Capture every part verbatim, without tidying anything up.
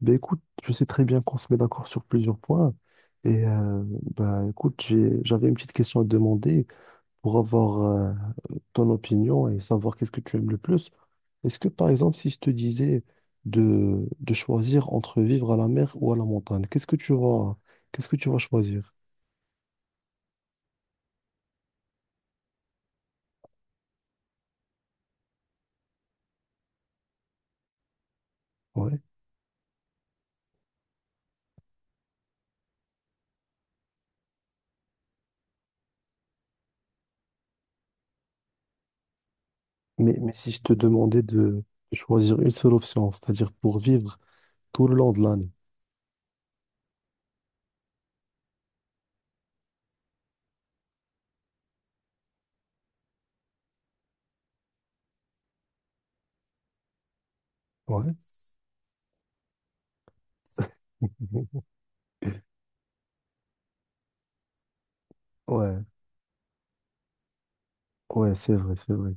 Ben écoute, je sais très bien qu'on se met d'accord sur plusieurs points. Et euh, bah, écoute, j'ai- j'avais une petite question à te demander pour avoir euh, ton opinion et savoir qu'est-ce que tu aimes le plus. Est-ce que, par exemple, si je te disais de, de choisir entre vivre à la mer ou à la montagne, qu'est-ce que tu vas, qu'est-ce que tu vas choisir? Ouais. Mais, mais si je te demandais de de choisir une seule option, c'est-à-dire pour vivre tout le long de l'année. Ouais. Ouais, ouais, c'est vrai, c'est vrai.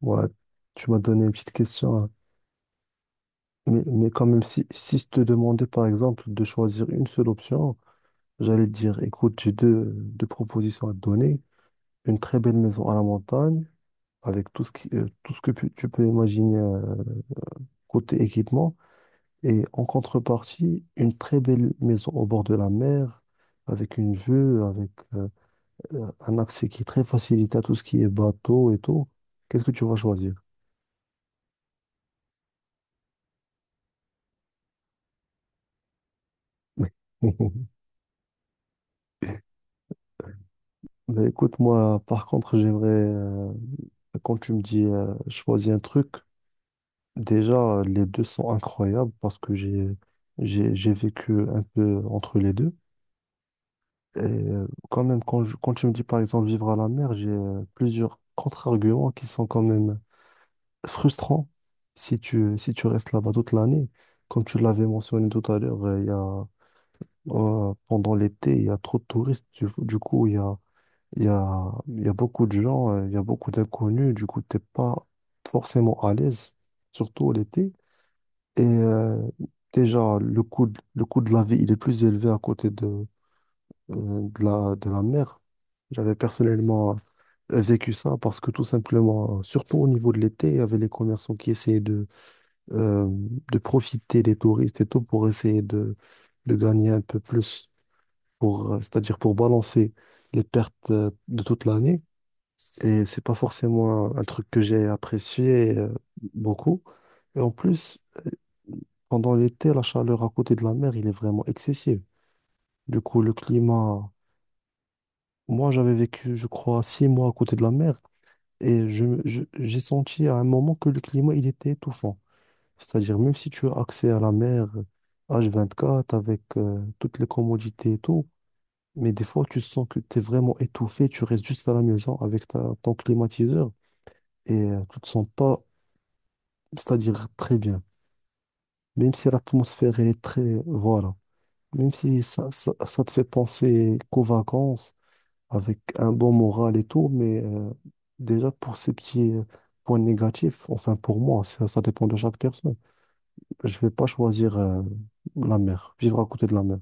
Ouais, tu m'as donné une petite question, hein. Mais, mais quand même, si, si je te demandais par exemple de choisir une seule option, j'allais te dire, écoute, j'ai deux, deux propositions à te donner. Une très belle maison à la montagne, avec tout ce qui, euh, tout ce que pu- tu peux imaginer euh, côté équipement. Et en contrepartie, une très belle maison au bord de la mer, avec une vue, avec euh, euh, un accès qui est très facilité à tout ce qui est bateau et tout. Qu'est-ce que tu vas choisir? Mais écoute, moi, par contre, j'aimerais, euh, quand tu me dis euh, choisis un truc, déjà, euh, les deux sont incroyables parce que j'ai, j'ai, j'ai vécu un peu entre les deux. Et euh, quand même, quand, je- quand tu me dis, par exemple, vivre à la mer, j'ai euh, plusieurs contre-arguments qui sont quand même frustrants si tu, si tu restes là-bas toute l'année. Comme tu l'avais mentionné tout à l'heure, euh, il y a, euh, pendant l'été, il y a trop de touristes. Du, du coup, il y a Il y a, il y a beaucoup de gens, euh, il y a beaucoup d'inconnus, du coup, t'es pas forcément à l'aise, surtout l'été. Et euh, Déjà, le coût, de- le coût de la vie, il est plus élevé à côté de, euh, de la, de la mer. J'avais personnellement euh, vécu ça parce que tout simplement, euh, surtout au niveau de l'été, il y avait les commerçants qui essayaient de, euh, de profiter des touristes et tout pour essayer de, de gagner un peu plus, pour, euh, c'est-à-dire pour balancer les pertes euh, de toute l'année. Et c'est pas forcément un truc que j'ai apprécié euh, beaucoup. Et en plus, euh, pendant l'été, la chaleur à côté de la mer, il est vraiment excessive. Du coup, le climat, moi j'avais vécu, je crois, six mois à côté de la mer et je, me- je- j'ai senti à un moment que le climat, il était étouffant. C'est-à-dire, même si tu as accès à la mer H vingt-quatre avec euh, toutes les commodités et tout, mais des fois, tu sens que tu es vraiment étouffé, tu restes juste à la maison avec ta, ton climatiseur et euh, tu te sens pas c'est-à-dire très bien. Même si l'atmosphère, elle est très... Voilà. Même si ça, ça, ça te fait penser qu'aux vacances, avec un bon moral et tout, mais euh, déjà pour ces petits euh, points négatifs, enfin pour moi, ça, ça dépend de chaque personne. Je vais pas choisir euh, la mer, vivre à côté de la mer.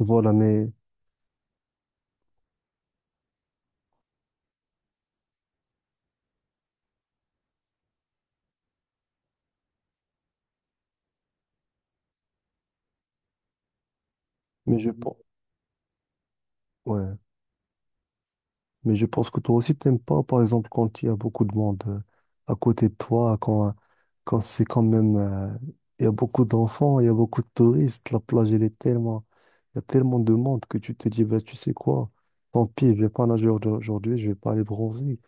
Voilà, mais, mais je pense... Ouais, mais je pense que toi aussi, t'aimes pas, par exemple, quand il y a beaucoup de monde euh, à côté de toi, quand, quand c'est quand même, euh, il y a beaucoup d'enfants, il y a beaucoup de touristes, la plage, elle est tellement, il y a tellement de monde que tu te dis, bah, tu sais quoi, tant pis, je vais pas nager aujourd- aujourd'hui, je vais pas aller bronzer.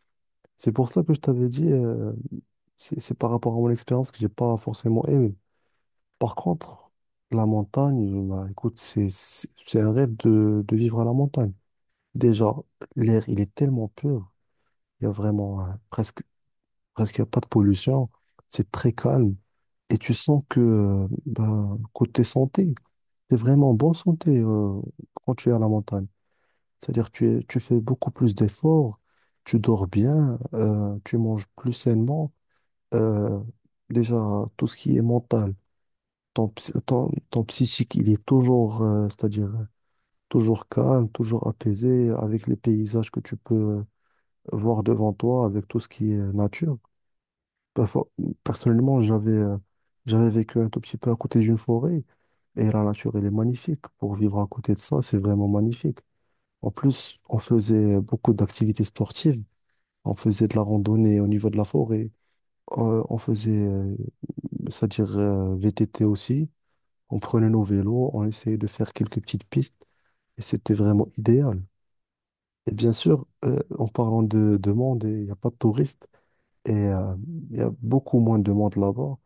C'est pour ça que je t'avais dit, euh, c'est c'est par rapport à mon expérience que j'ai pas forcément aimé. Par contre, la montagne, bah, écoute, c'est c'est- c'est un rêve de, de vivre à la montagne. Déjà, l'air, il est tellement pur. Il y a vraiment euh, presque, presque il y a pas de pollution. C'est très calme. Et tu sens que, euh, bah, côté santé, t'es vraiment en bonne santé euh, quand tu es à la montagne. C'est-à-dire tu es, tu fais beaucoup plus d'efforts, tu dors bien, euh, tu manges plus sainement. Euh, Déjà, tout ce qui est mental, ton, ps- ton, ton psychique, il est toujours, euh, c'est-à-dire toujours calme, toujours apaisé, avec les paysages que tu peux euh, voir devant toi, avec tout ce qui est nature. Perfo- Personnellement, j'avais euh, j'avais vécu un tout petit peu à côté d'une forêt et la nature, elle est magnifique. Pour vivre à côté de ça, c'est vraiment magnifique. En plus, on faisait beaucoup d'activités sportives. On faisait de la randonnée au niveau de la forêt. Euh, on faisait, euh, c'est-à-dire euh, V T T aussi. On prenait nos vélos, on essayait de faire quelques petites pistes et c'était vraiment idéal. Et bien sûr, euh, en parlant de, de monde, il n'y a pas de touristes. Et euh, il y a beaucoup moins de monde là-bas.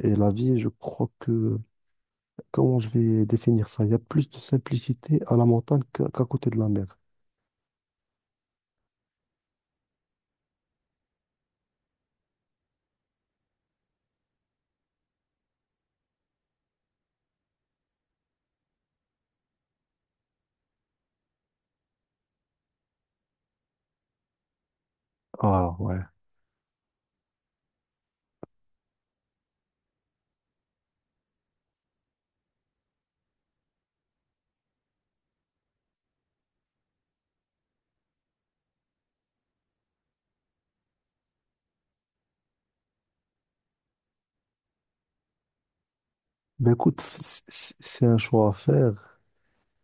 Et la vie, je crois que, comment je vais définir ça? Il y a plus de simplicité à la montagne qu'à qu'à côté de la mer. Ah ouais. Ben écoute, f- c- c- c'est un choix à faire.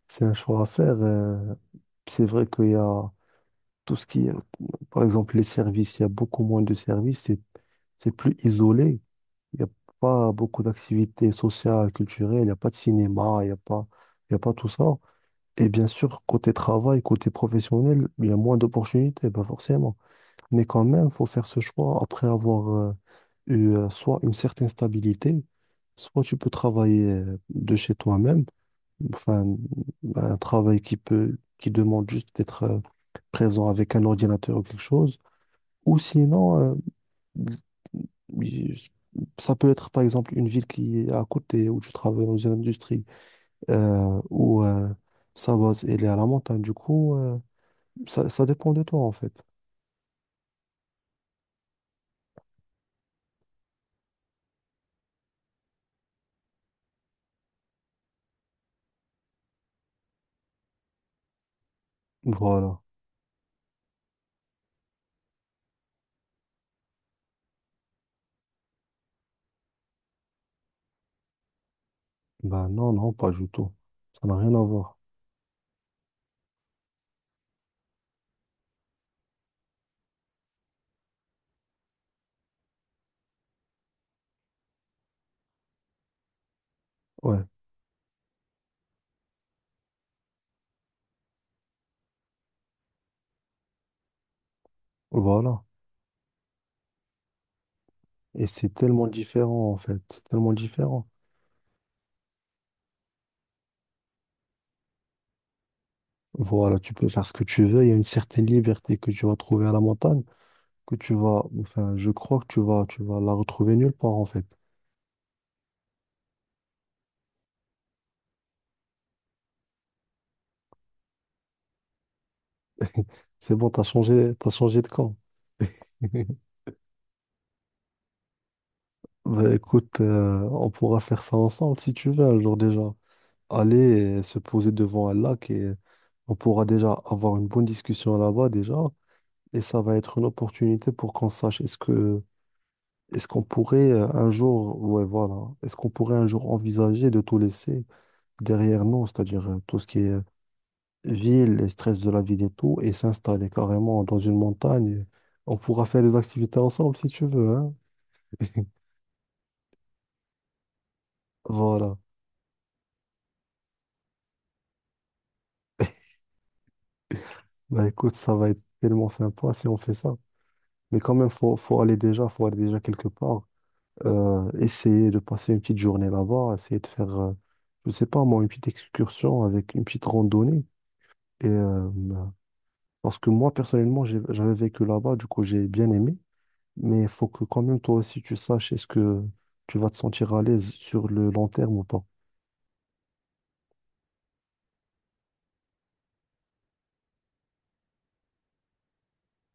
C'est un choix à faire. Euh, c'est vrai qu'il y a tout ce qui est, par exemple, les services, il y a beaucoup moins de services, c'est, c'est plus isolé. Il n'y a pas beaucoup d'activités sociales, culturelles, il n'y a pas de cinéma, il n'y a pas, il y a pas tout ça. Et bien sûr, côté travail, côté professionnel, il y a moins d'opportunités, pas forcément. Mais quand même, il faut faire ce choix après avoir euh, eu euh, soit une certaine stabilité, soit tu peux travailler euh, de chez toi-même, enfin, un travail qui peut, qui demande juste d'être euh, présent avec un ordinateur ou quelque chose, ou sinon, euh, il- ça peut être par exemple une ville qui est à côté où tu travailles dans une industrie euh, ou euh, sa base elle est à la montagne. Du coup, euh, ça, ça dépend de toi en fait. Voilà. Ben non, non, pas du tout. Ça n'a rien à voir. Ouais, voilà. Et c'est tellement différent en fait. C'est tellement différent. Voilà, tu peux faire ce que tu veux. Il y a une certaine liberté que tu vas trouver à la montagne, que tu vas, enfin, je crois que tu vas, tu vas la retrouver nulle part en fait. C'est bon, t'as changé, t'as changé de camp. Bah écoute, euh, on pourra faire ça ensemble si tu veux un jour déjà. Aller euh, se poser devant un lac et on pourra déjà avoir une bonne discussion là-bas déjà. Et ça va être une opportunité pour qu'on sache est-ce que est-ce qu'on pourrait euh, un jour, ouais voilà, est-ce qu'on pourrait un jour envisager de tout laisser derrière nous, c'est-à-dire euh, tout ce qui est euh, ville, les stress de la ville et tout, et s'installer carrément dans une montagne. On pourra faire des activités ensemble si tu veux, hein. Voilà. Bah écoute, ça va être tellement sympa si on fait ça. Mais quand même, faut, faut aller déjà, faut aller déjà quelque part. Euh, essayer de passer une petite journée là-bas, essayer de faire, euh, je sais pas moi, une petite excursion avec une petite randonnée. Et, euh, bah, parce que moi, personnellement, j'ai- j'avais vécu là-bas, du coup, j'ai bien aimé. Mais il faut que quand même, toi aussi, tu saches est-ce que tu vas te sentir à l'aise sur le long terme ou pas.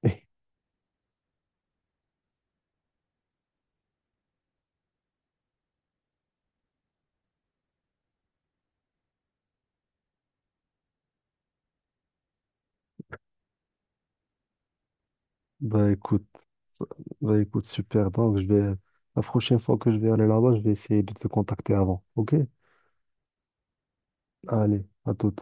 Bah écoute. Bah, écoute, super. Donc, je vais, la prochaine fois que je vais aller là-bas, je vais essayer de te contacter avant. OK? Allez, à toute.